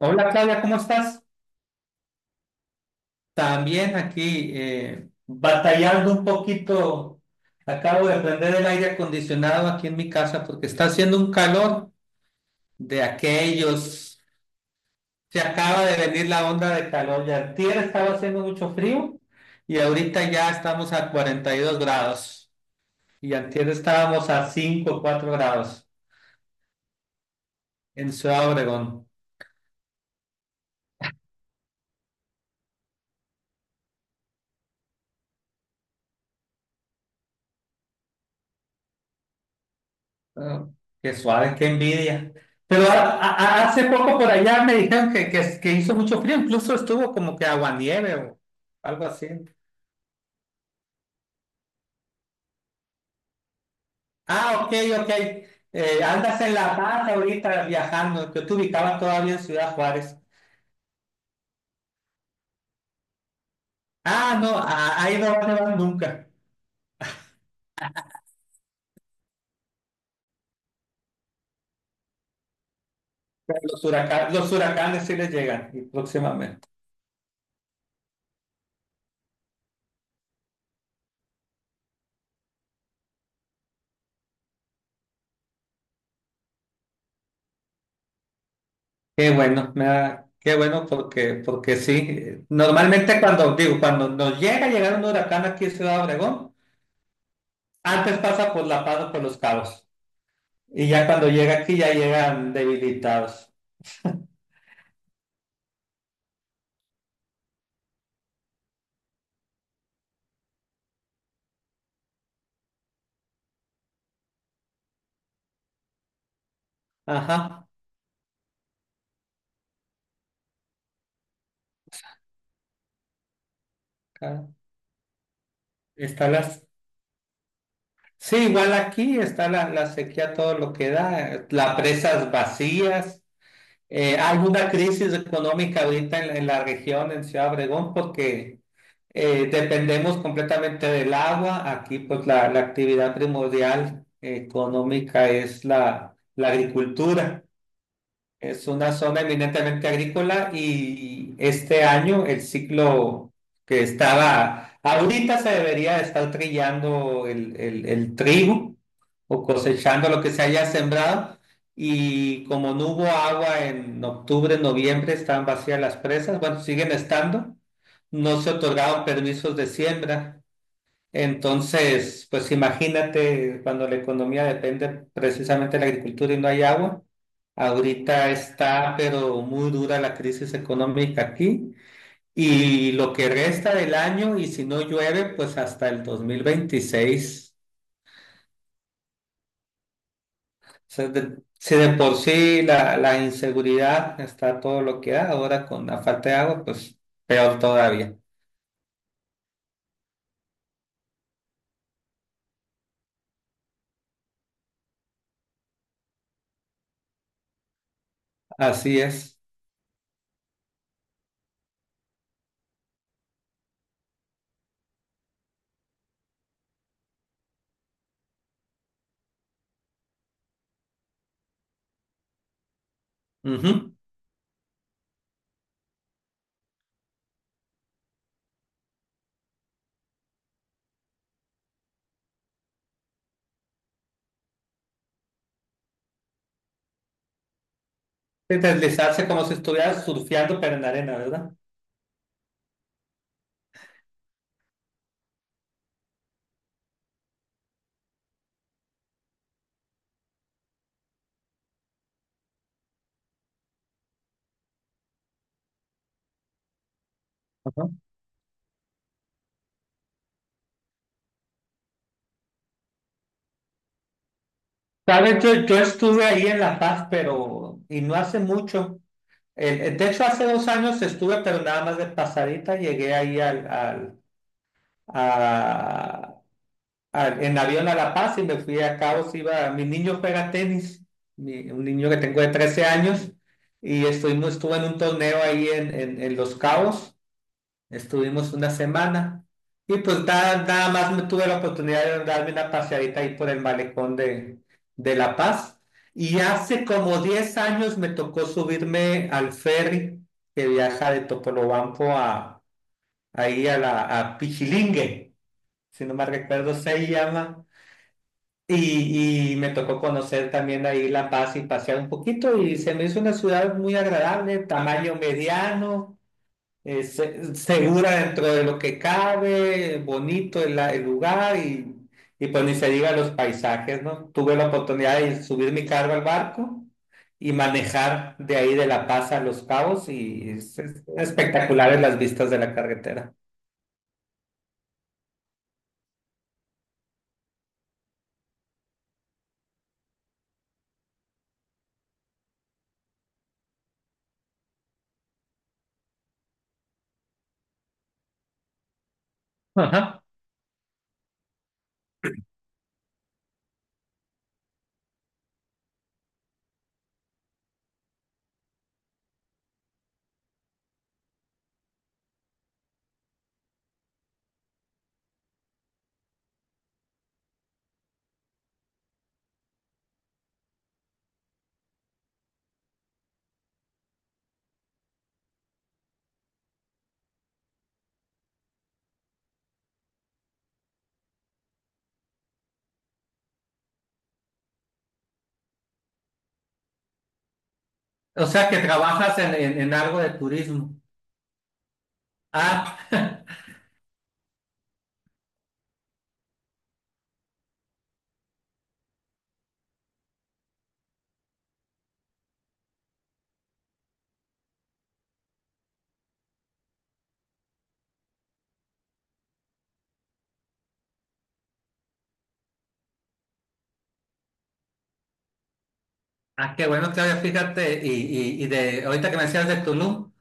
Hola Claudia, ¿cómo estás? También aquí batallando un poquito. Acabo de prender el aire acondicionado aquí en mi casa porque está haciendo un calor de aquellos. Se acaba de venir la onda de calor. Ya antier estaba haciendo mucho frío y ahorita ya estamos a 42 grados. Y antier estábamos a 5 o 4 grados en Ciudad Obregón. Ah, qué suave, qué envidia. Pero a- hace poco por allá me dijeron que hizo mucho frío, incluso estuvo como que aguanieve o algo así. Ah, ok, ok. Andas en La Paz ahorita viajando, que te ubicaba todavía en Ciudad Juárez. Ah, no, ahí no va a nevar nunca. Pero los huracanes sí les llegan y próximamente. Qué bueno, qué bueno porque, porque sí. Normalmente cuando nos llega a llegar un huracán aquí en Ciudad Obregón, antes pasa por La Paz o por Los Cabos. Y ya cuando llega aquí ya llegan debilitados. Ajá. Acá está las... Sí, igual aquí está la sequía, todo lo que da, las presas vacías. Hay una crisis económica ahorita en la región, en Ciudad Obregón, porque dependemos completamente del agua. Aquí pues la actividad primordial económica es la agricultura. Es una zona eminentemente agrícola y este año el ciclo ahorita se debería estar trillando el trigo o cosechando lo que se haya sembrado y como no hubo agua en octubre, noviembre, estaban vacías las presas, bueno, siguen estando, no se otorgaron permisos de siembra. Entonces, pues imagínate cuando la economía depende precisamente de la agricultura y no hay agua. Ahorita está, pero muy dura la crisis económica aquí. Y lo que resta del año, y si no llueve, pues hasta el 2026. O sea, si de por sí la inseguridad está todo lo que da, ahora con la falta de agua, pues peor todavía. Así es. Ujú. Es deslizarse como si estuvieras surfeando, pero en arena, ¿verdad? Sabes, yo estuve ahí en La Paz, pero, y no hace mucho. De hecho, hace dos años estuve, pero nada más de pasadita, llegué ahí a- en avión a La Paz y me fui a Cabos, iba, mi niño juega tenis, un niño que tengo de 13 años, y estuve en un torneo ahí en Los Cabos. Estuvimos una semana y pues nada, nada más me tuve la oportunidad de darme una paseadita ahí por el malecón de La Paz. Y hace como 10 años me tocó subirme al ferry que viaja de Topolobampo a, ahí a, la, a Pichilingue, si no me recuerdo se llama. Y me tocó conocer también ahí La Paz y pasear un poquito y se me hizo una ciudad muy agradable, tamaño mediano, segura dentro de lo que cabe, bonito el lugar y pues ni se diga los paisajes, ¿no? Tuve la oportunidad de subir mi carro al barco y manejar de ahí de La Paz a Los Cabos y es espectaculares las vistas de la carretera. Ajá. O sea que trabajas en algo de turismo. Ah, ah, qué bueno, Claudia, fíjate, y de ahorita que me decías de Tulum.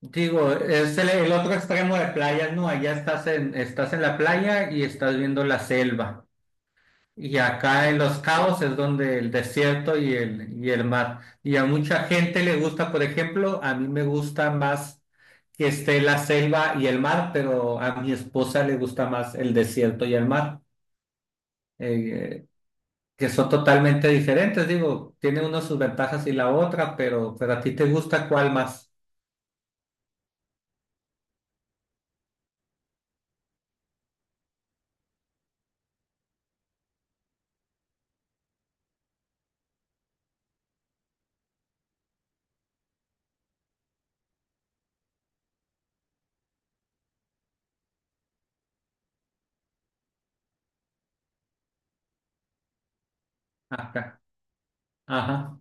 Digo, es el otro extremo de playas, ¿no? Allá estás en la playa y estás viendo la selva. Y acá en Los Cabos es donde el desierto y el mar. Y a mucha gente le gusta, por ejemplo, a mí me gusta más que esté la selva y el mar, pero a mi esposa le gusta más el desierto y el mar, eh, que son totalmente diferentes. Digo, tiene uno sus ventajas y la otra, pero a ti te gusta cuál más acá. Ajá.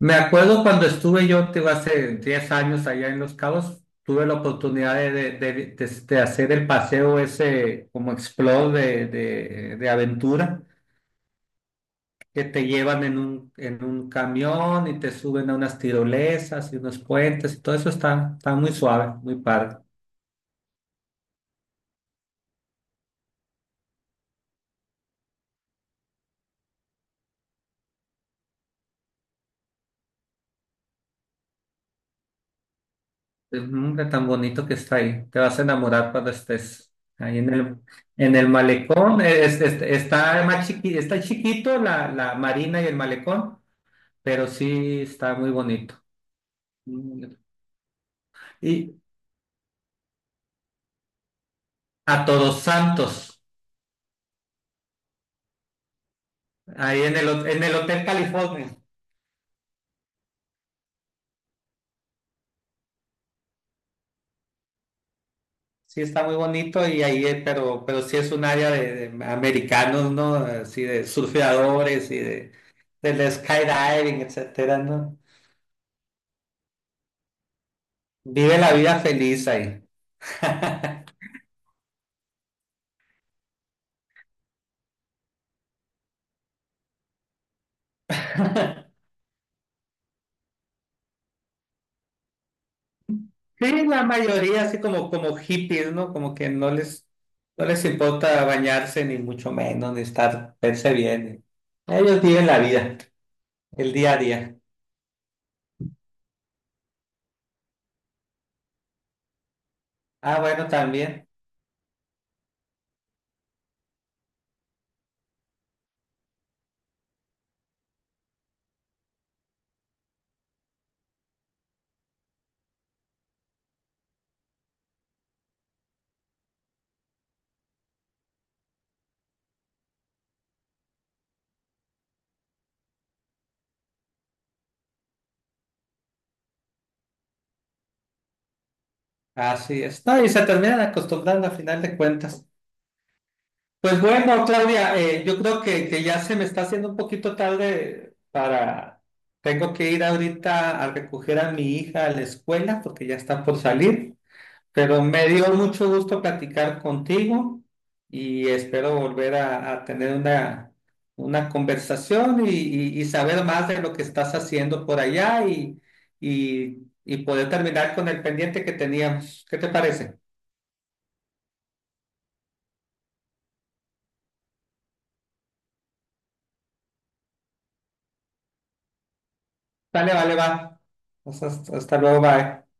Me acuerdo cuando estuve yo, te digo, hace 10 años allá en Los Cabos, tuve la oportunidad de, de hacer el paseo ese como explore de, de aventura, que te llevan en un camión y te suben a unas tirolesas y unos puentes, y todo eso está, está muy suave, muy padre. Es un hombre tan bonito que está ahí, te vas a enamorar cuando estés ahí en el malecón. Está más chiqui, está chiquito la marina y el malecón, pero sí está muy bonito. Mm. Y a Todos Santos, ahí en el, en el Hotel California, sí está muy bonito y ahí, pero sí es un área de americanos, ¿no? Así de surfeadores y de, del skydiving, etcétera, ¿no? Vive la vida feliz ahí. Sí, la mayoría así como, como hippies, ¿no? Como que no les, no les importa bañarse ni mucho menos, ni estar, verse bien. Ellos viven la vida. El día a día. Ah, bueno, también. Así es. No, y se terminan acostumbrando a final de cuentas. Pues bueno, Claudia, yo creo que ya se me está haciendo un poquito tarde para... Tengo que ir ahorita a recoger a mi hija a la escuela porque ya está por salir. Pero me dio mucho gusto platicar contigo y espero volver a tener una conversación y, y saber más de lo que estás haciendo por allá y, y poder terminar con el pendiente que teníamos. ¿Qué te parece? Vale, vale, va. Pues hasta luego, bye.